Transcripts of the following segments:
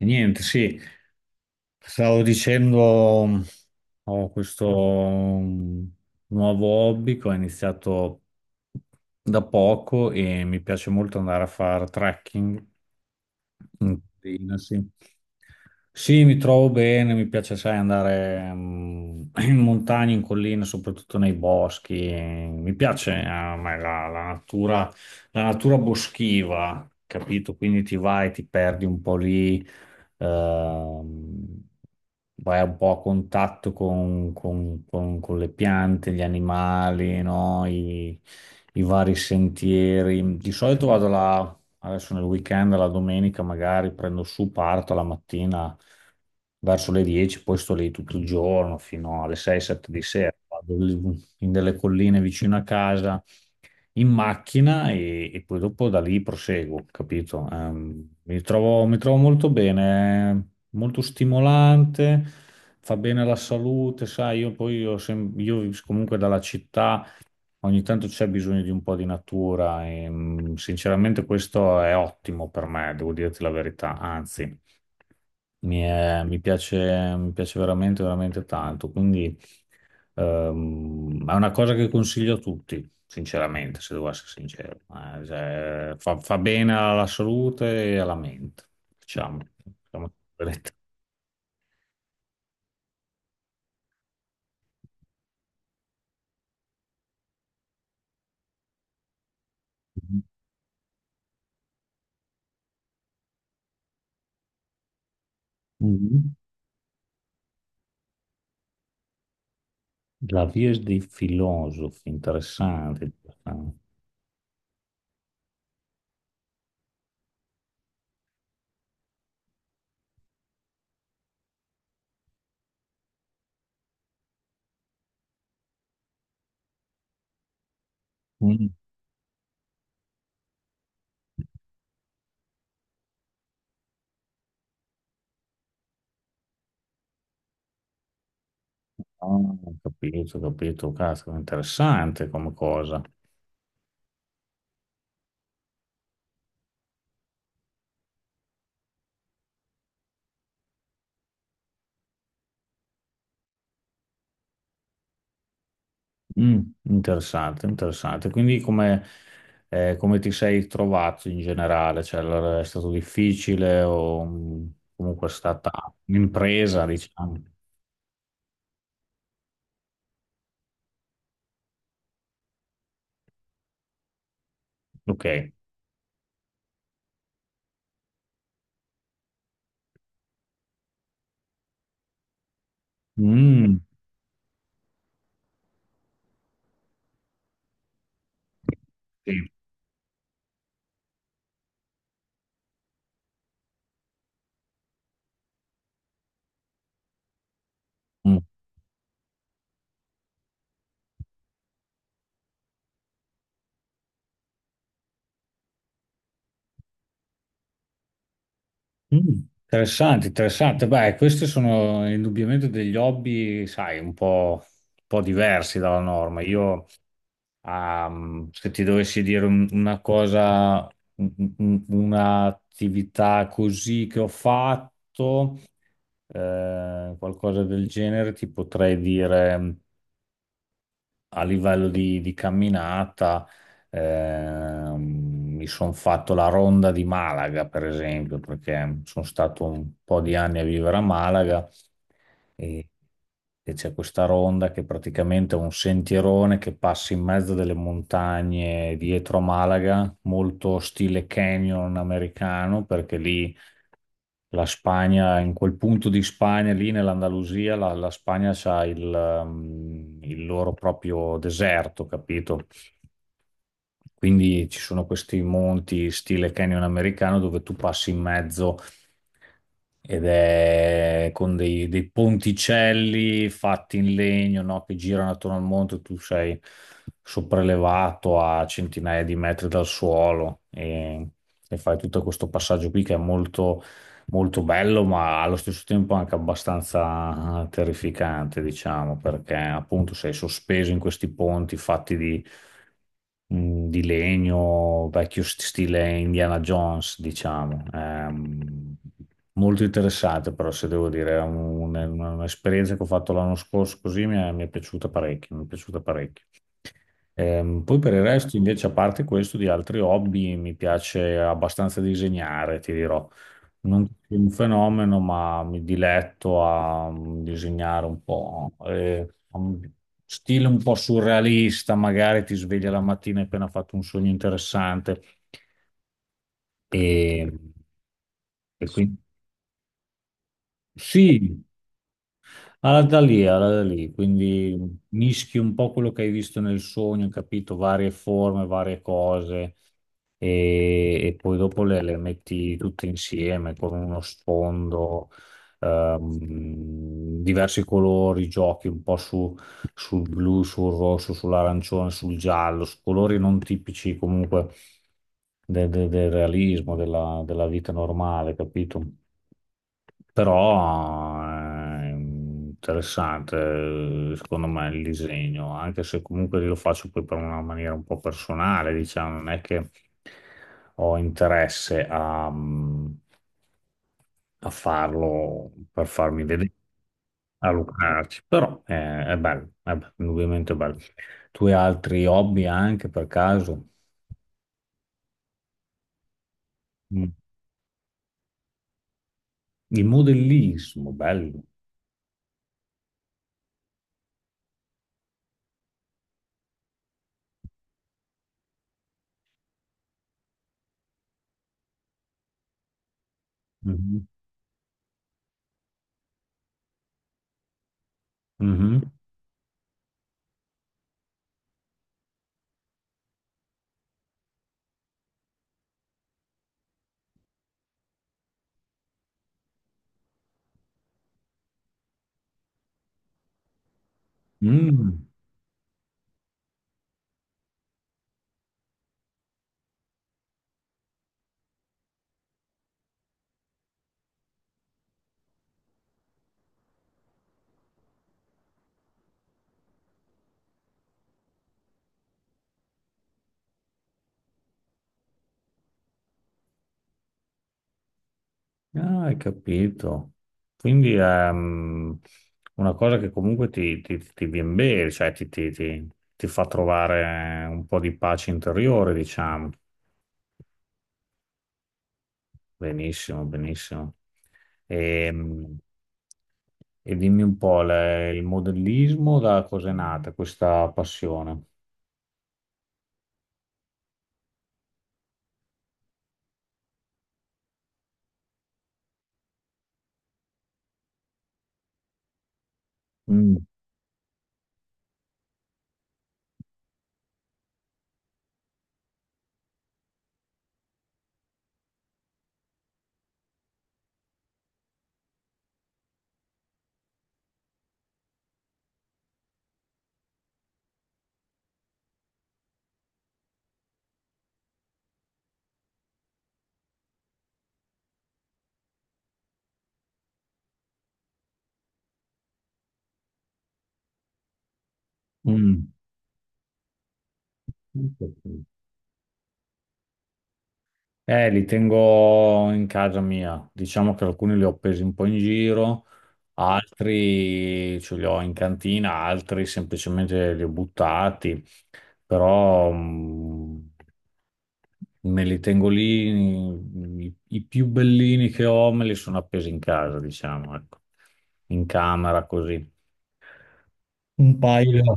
Niente, sì, stavo dicendo, ho questo nuovo hobby che ho iniziato da poco e mi piace molto andare a fare trekking. Mm, bene, sì. Sì, mi trovo bene, mi piace, sai, andare in montagna, in collina, soprattutto nei boschi. Mi piace a me la natura, la natura boschiva, capito? Quindi ti vai, ti perdi un po' lì, ehm, vai un po' a contatto con le piante, gli animali, no? I vari sentieri. Di solito vado là. Adesso nel weekend, la domenica magari prendo su, parto la mattina verso le 10, poi sto lì tutto il giorno fino alle 6-7 di sera. Vado lì in delle colline vicino a casa in macchina e poi dopo da lì proseguo, capito? Mi trovo molto bene, è molto stimolante, fa bene alla salute, sai, io comunque dalla città. Ogni tanto c'è bisogno di un po' di natura e sinceramente questo è ottimo per me, devo dirti la verità, anzi mi piace, veramente, veramente tanto, quindi è una cosa che consiglio a tutti, sinceramente, se devo essere sincero. Cioè, fa bene alla salute e alla mente, diciamo. Diciamo la verità. Mhm. La via dei filosofi, interessante. Interessante. Ah, ho capito, caspita, interessante come cosa. Mm, interessante, interessante. Quindi come ti sei trovato in generale? Cioè, allora, è stato difficile o comunque è stata un'impresa, diciamo? Ok. Mm, sì. Mm. Mm. Interessante, interessante. Beh, questi sono indubbiamente degli hobby, sai, un po' diversi dalla norma. Io, ah, se ti dovessi dire una cosa, un'attività così che ho fatto, qualcosa del genere, ti potrei dire a livello di, camminata, ehm, mi sono fatto la ronda di Malaga, per esempio, perché sono stato un po' di anni a vivere a Malaga e, e c'è questa ronda che praticamente è un sentierone che passa in mezzo delle montagne dietro a Malaga, molto stile canyon americano, perché lì la Spagna, in quel punto di Spagna, lì nell'Andalusia, la Spagna ha il loro proprio deserto, capito? Quindi ci sono questi monti stile canyon americano dove tu passi in mezzo ed è con dei ponticelli fatti in legno, no? Che girano attorno al monte, tu sei sopraelevato a centinaia di metri dal suolo e fai tutto questo passaggio qui che è molto bello, ma allo stesso tempo anche abbastanza terrificante, diciamo, perché appunto sei sospeso in questi ponti fatti di legno, vecchio stile Indiana Jones, diciamo. Molto interessante, però, se devo dire, è un'esperienza che ho fatto l'anno scorso, così mi è piaciuta parecchio, mi è piaciuta parecchio. Poi per il resto, invece, a parte questo, di altri hobby, mi piace abbastanza disegnare, ti dirò. Non sono un fenomeno, ma mi diletto a disegnare un po'. Un stile un po' surrealista, magari ti sveglia la mattina e hai appena fatto un sogno interessante. E, e quindi sì, alla da lì, alla da lì. Quindi mischi un po' quello che hai visto nel sogno, capito? Varie forme, varie cose. E poi dopo le metti tutte insieme con uno sfondo, diversi colori, giochi un po' su sul blu, sul rosso, sull'arancione, sul giallo, su colori non tipici comunque del realismo, della vita normale, capito? Però è interessante. Secondo me il disegno, anche se comunque lo faccio poi per una maniera un po' personale, diciamo, non è che ho interesse a... a farlo per farmi vedere, a lucrarci, però è bello, indubbiamente bello. Tu hai altri hobby anche per caso? Mm. Il modellismo, bello. Mhm. Mhm. Mm. Ah, hai capito. Quindi è una cosa che comunque ti viene bene, cioè ti fa trovare un po' di pace interiore, diciamo. Benissimo, benissimo. Ehm, E, dimmi un po', il modellismo da cosa è nata questa passione? Mm, mm. Li tengo in casa mia. Diciamo che alcuni li ho appesi un po' in giro, altri ce li ho in cantina, altri semplicemente li ho buttati. Però, me li tengo lì, i più bellini che ho me li sono appesi in casa, diciamo, ecco, in camera così. Un paio.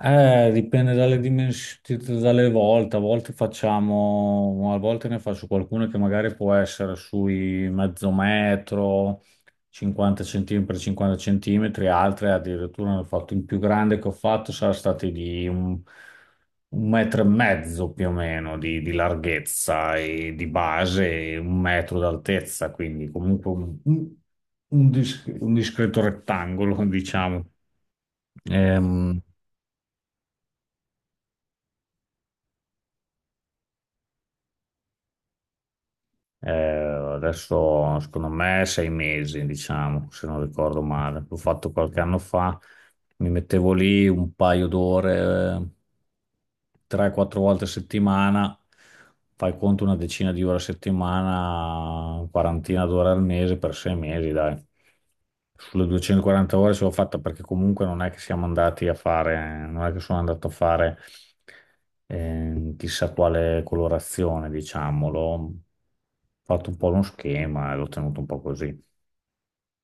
Dipende dalle dimensioni, dalle volte, a volte ne faccio qualcuno che magari può essere sui mezzo metro, 50 cm per 50 centimetri, altre addirittura ne ho fatto il più grande che ho fatto, sarà stato di un metro e mezzo più o meno di, larghezza e di base e un metro d'altezza, quindi comunque un discreto rettangolo, diciamo. Ehm, adesso, secondo me, sei mesi, diciamo, se non ricordo male. L'ho fatto qualche anno fa, mi mettevo lì un paio d'ore. 3-4 volte a settimana, fai conto una decina di ore a settimana, quarantina d'ore al mese per 6 mesi, dai. Sulle 240 ore ce l'ho fatta perché comunque non è che siamo andati a fare, non è che sono andato a fare chissà quale colorazione, diciamolo. Ho fatto un po' uno schema e l'ho tenuto un po' così.